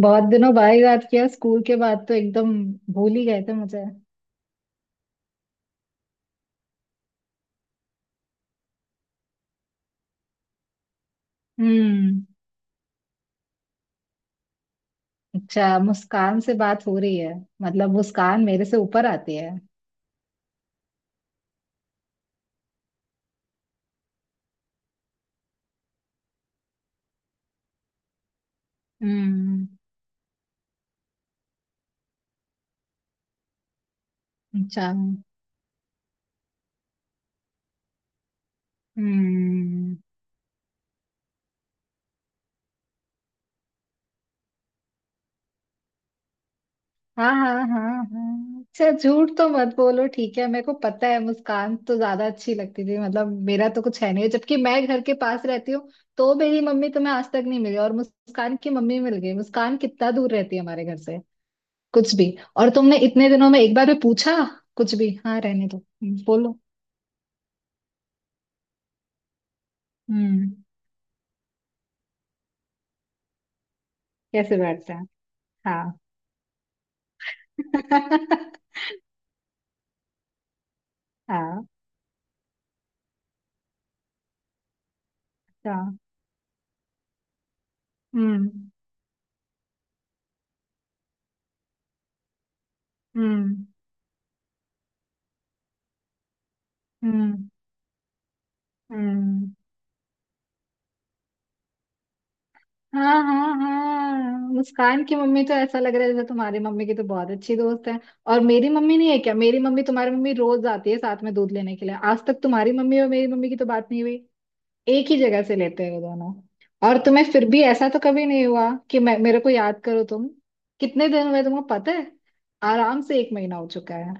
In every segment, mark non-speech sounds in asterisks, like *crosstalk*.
बहुत दिनों बाद याद किया। स्कूल के बाद तो एकदम भूल ही गए थे मुझे। हम्म। अच्छा, मुस्कान से बात हो रही है? मतलब मुस्कान मेरे से ऊपर आती है? हम्म। अच्छा। हम्म। हाँ हाँ हाँ हाँ, अच्छा झूठ तो मत बोलो। ठीक है, मेरे को पता है मुस्कान तो ज्यादा अच्छी लगती थी। मतलब मेरा तो कुछ है नहीं, जबकि मैं घर के पास रहती हूँ। तो मेरी मम्मी तुम्हें आज तक नहीं मिली और मुस्कान की मम्मी मिल गई। मुस्कान कितना दूर रहती है हमारे घर से। कुछ भी। और तुमने इतने दिनों में एक बार भी पूछा। कुछ भी। हाँ, रहने दो। बोलो। हम्म। कैसे बैठते हैं? हाँ। *laughs* हाँ हाँ। हम्म। हम्म। हम्म। हम्म। हाँ हाँ हाँ, मुस्कान की मम्मी तो ऐसा लग रहा है जैसे तुम्हारी मम्मी की तो बहुत अच्छी दोस्त है। और मेरी मम्मी नहीं है क्या? मेरी मम्मी तुम्हारी मम्मी रोज आती है साथ में दूध लेने के लिए। आज तक तुम्हारी मम्मी और मेरी मम्मी की तो बात नहीं हुई। एक ही जगह से लेते हैं वो दोनों। और तुम्हें फिर भी ऐसा तो कभी नहीं हुआ कि मैं मेरे को याद करो तुम। कितने दिन हुए तुमको पता है? आराम से एक महीना हो चुका है।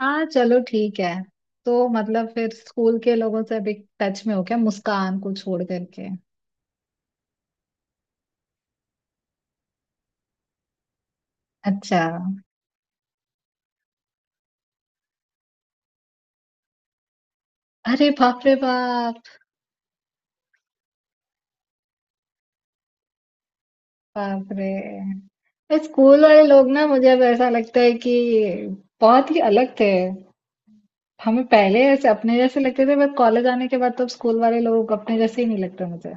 हाँ चलो ठीक है। तो मतलब फिर स्कूल के लोगों से अभी टच में हो क्या, मुस्कान को छोड़ करके? अच्छा। अरे बाप रे बाप। बाप रे, स्कूल वाले लोग ना मुझे अब ऐसा लगता है कि बहुत ही अलग थे। हमें पहले ऐसे अपने जैसे लगते थे, बट कॉलेज आने के बाद तो अब स्कूल वाले लोग अपने जैसे ही नहीं लगते मुझे।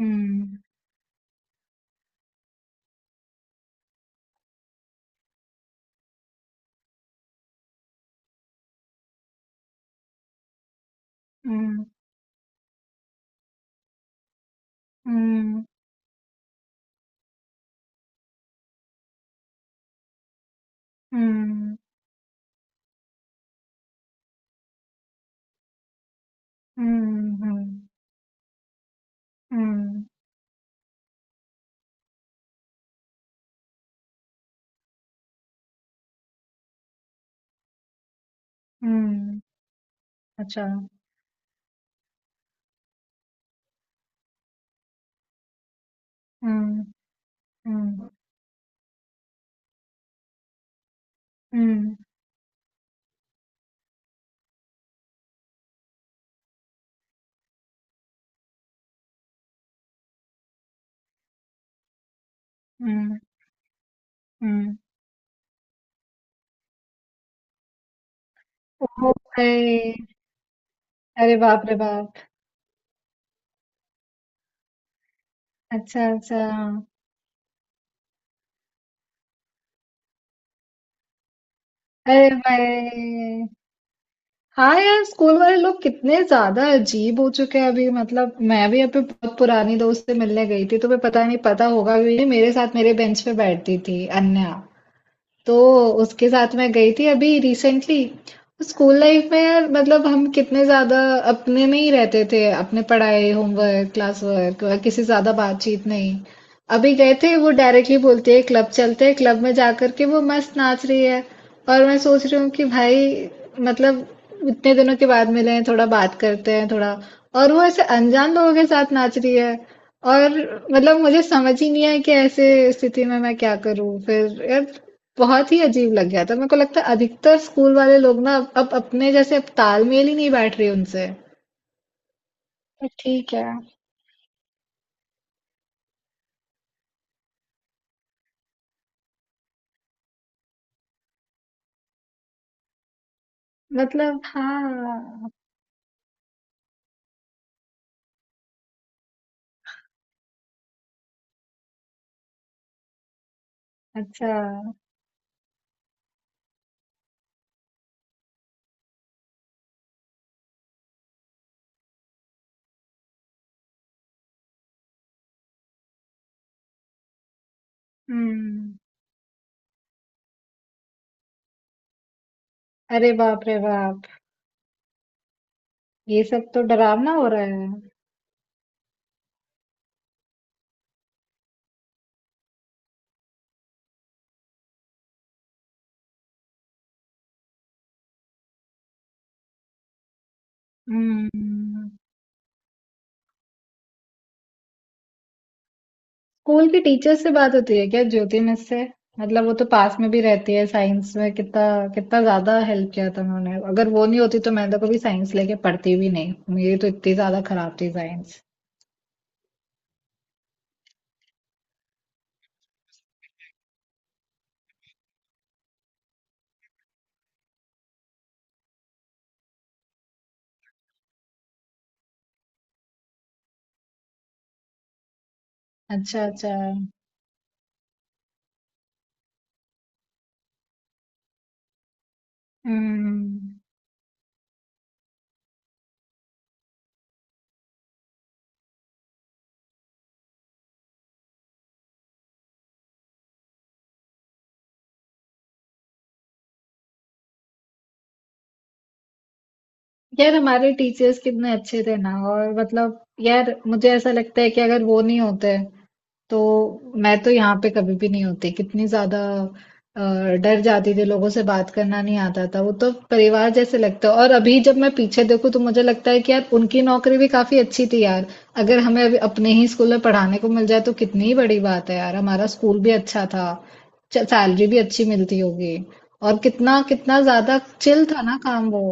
हम्म। हम्म। हम्म। हम्म। हम्म। हम्म। हम्म, हम्म, अच्छा। हम्म। हम्म। हम्म। हम्म। हम्म। ओ भाई। अरे बाप रे बाप। अच्छा अच्छा। अरे भाई। हाँ यार, स्कूल वाले लोग कितने ज्यादा अजीब हो चुके हैं अभी। मतलब मैं भी अपने बहुत पुरानी दोस्त से मिलने गई थी, तुम्हें पता नहीं, पता होगा भी नहीं। मेरे साथ मेरे बेंच पे बैठती थी अन्या। तो उसके साथ मैं गई थी अभी रिसेंटली। स्कूल लाइफ में यार, मतलब हम कितने ज्यादा अपने में ही रहते थे, अपने पढ़ाई, होमवर्क, क्लास वर्क, किसी से ज्यादा बातचीत नहीं। अभी गए थे वो डायरेक्टली बोलती है क्लब चलते हैं। क्लब में जाकर के वो मस्त नाच रही है। और मैं सोच रही हूँ कि भाई, मतलब इतने दिनों के बाद मिले हैं, थोड़ा बात करते हैं थोड़ा। और वो ऐसे अनजान लोगों के साथ नाच रही है। और मतलब मुझे समझ ही नहीं आया कि ऐसे स्थिति में मैं क्या करूँ फिर यार। बहुत ही अजीब लग गया था। मेरे को लगता है अधिकतर स्कूल वाले लोग ना अब अपने जैसे अब तालमेल ही नहीं बैठ रही उनसे। तो ठीक है। मतलब हाँ। अच्छा। हुँ। अरे बाप रे बाप! ये सब तो डरावना हो रहा है। हुँ। स्कूल की टीचर से बात होती है क्या, ज्योति मिस से? मतलब वो तो पास में भी रहती है। साइंस में कितना कितना ज्यादा हेल्प किया था उन्होंने। अगर वो नहीं होती तो मैं तो कभी साइंस लेके पढ़ती भी नहीं। मेरी तो इतनी ज्यादा खराब थी साइंस। अच्छा, अच्छा। हम्म। यार हमारे टीचर्स कितने अच्छे थे ना। और मतलब यार मुझे ऐसा लगता है कि अगर वो नहीं होते तो मैं तो यहाँ पे कभी भी नहीं होती। कितनी ज्यादा अ, डर जाती थी, लोगों से बात करना नहीं आता था। वो तो परिवार जैसे लगता है। और अभी जब मैं पीछे देखूं तो मुझे लगता है कि यार उनकी नौकरी भी काफी अच्छी थी यार। अगर हमें अभी अपने ही स्कूल में पढ़ाने को मिल जाए तो कितनी ही बड़ी बात है। यार हमारा स्कूल भी अच्छा था। सैलरी भी अच्छी मिलती होगी। और कितना कितना ज्यादा चिल था ना काम वो।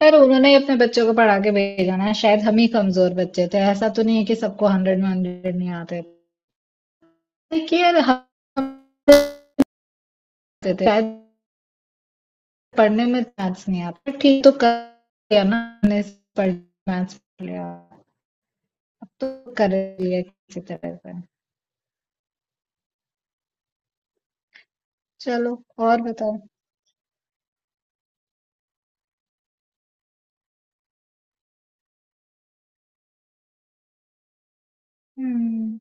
पर उन्होंने ही अपने बच्चों को पढ़ा के भेजा ना। शायद हम ही कमजोर बच्चे थे। ऐसा तो नहीं है कि सबको 100 में 100 नहीं आते। देखिए यार हम आते थे शायद पढ़ने में। मैथ्स नहीं आता ठीक तो कर लिया ना हमने। पढ़ मैथ्स पढ़ लिया। अब तो कर लिया किसी तरह से। चलो, और बताओ। हम्म।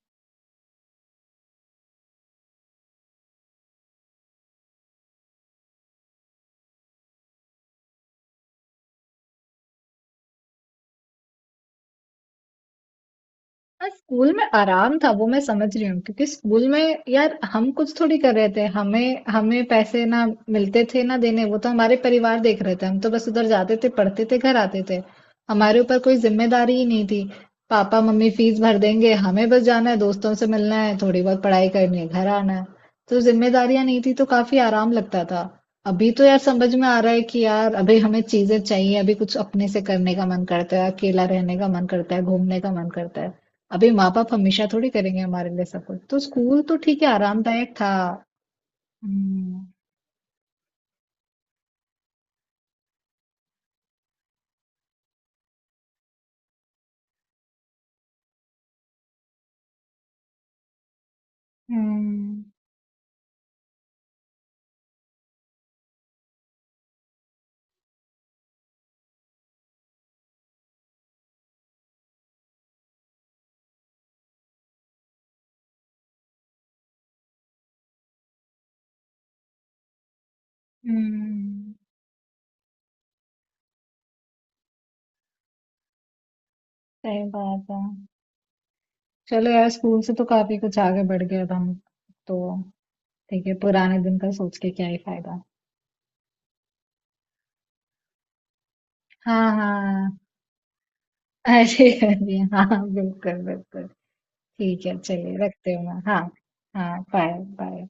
हाँ, स्कूल में आराम था वो मैं समझ रही हूँ। क्योंकि स्कूल में यार हम कुछ थोड़ी कर रहे थे, हमें हमें पैसे ना मिलते थे ना देने। वो तो हमारे परिवार देख रहे थे, हम तो बस उधर जाते थे पढ़ते थे घर आते थे। हमारे ऊपर कोई जिम्मेदारी ही नहीं थी। पापा मम्मी फीस भर देंगे, हमें बस जाना है, दोस्तों से मिलना है, थोड़ी बहुत पढ़ाई करनी है, घर आना है। तो जिम्मेदारियां नहीं थी तो काफी आराम लगता था। अभी तो यार समझ में आ रहा है कि यार अभी हमें चीजें चाहिए, अभी कुछ अपने से करने का मन करता है, अकेला रहने का मन करता है, घूमने का मन करता है। अभी माँ बाप हमेशा थोड़ी करेंगे हमारे लिए सब कुछ। तो स्कूल तो ठीक है आरामदायक था। हम्म। हम्म। हम्म। सही बात है। चलो यार, स्कूल से तो काफी कुछ आगे बढ़ गए अब हम। तो ठीक है, पुराने दिन का सोच के क्या ही फायदा। हाँ हाँ। अरे अरे हाँ, बिल्कुल बिल्कुल। ठीक है, चलिए रखते हो मैं हाँ। हाँ बाय। बाय।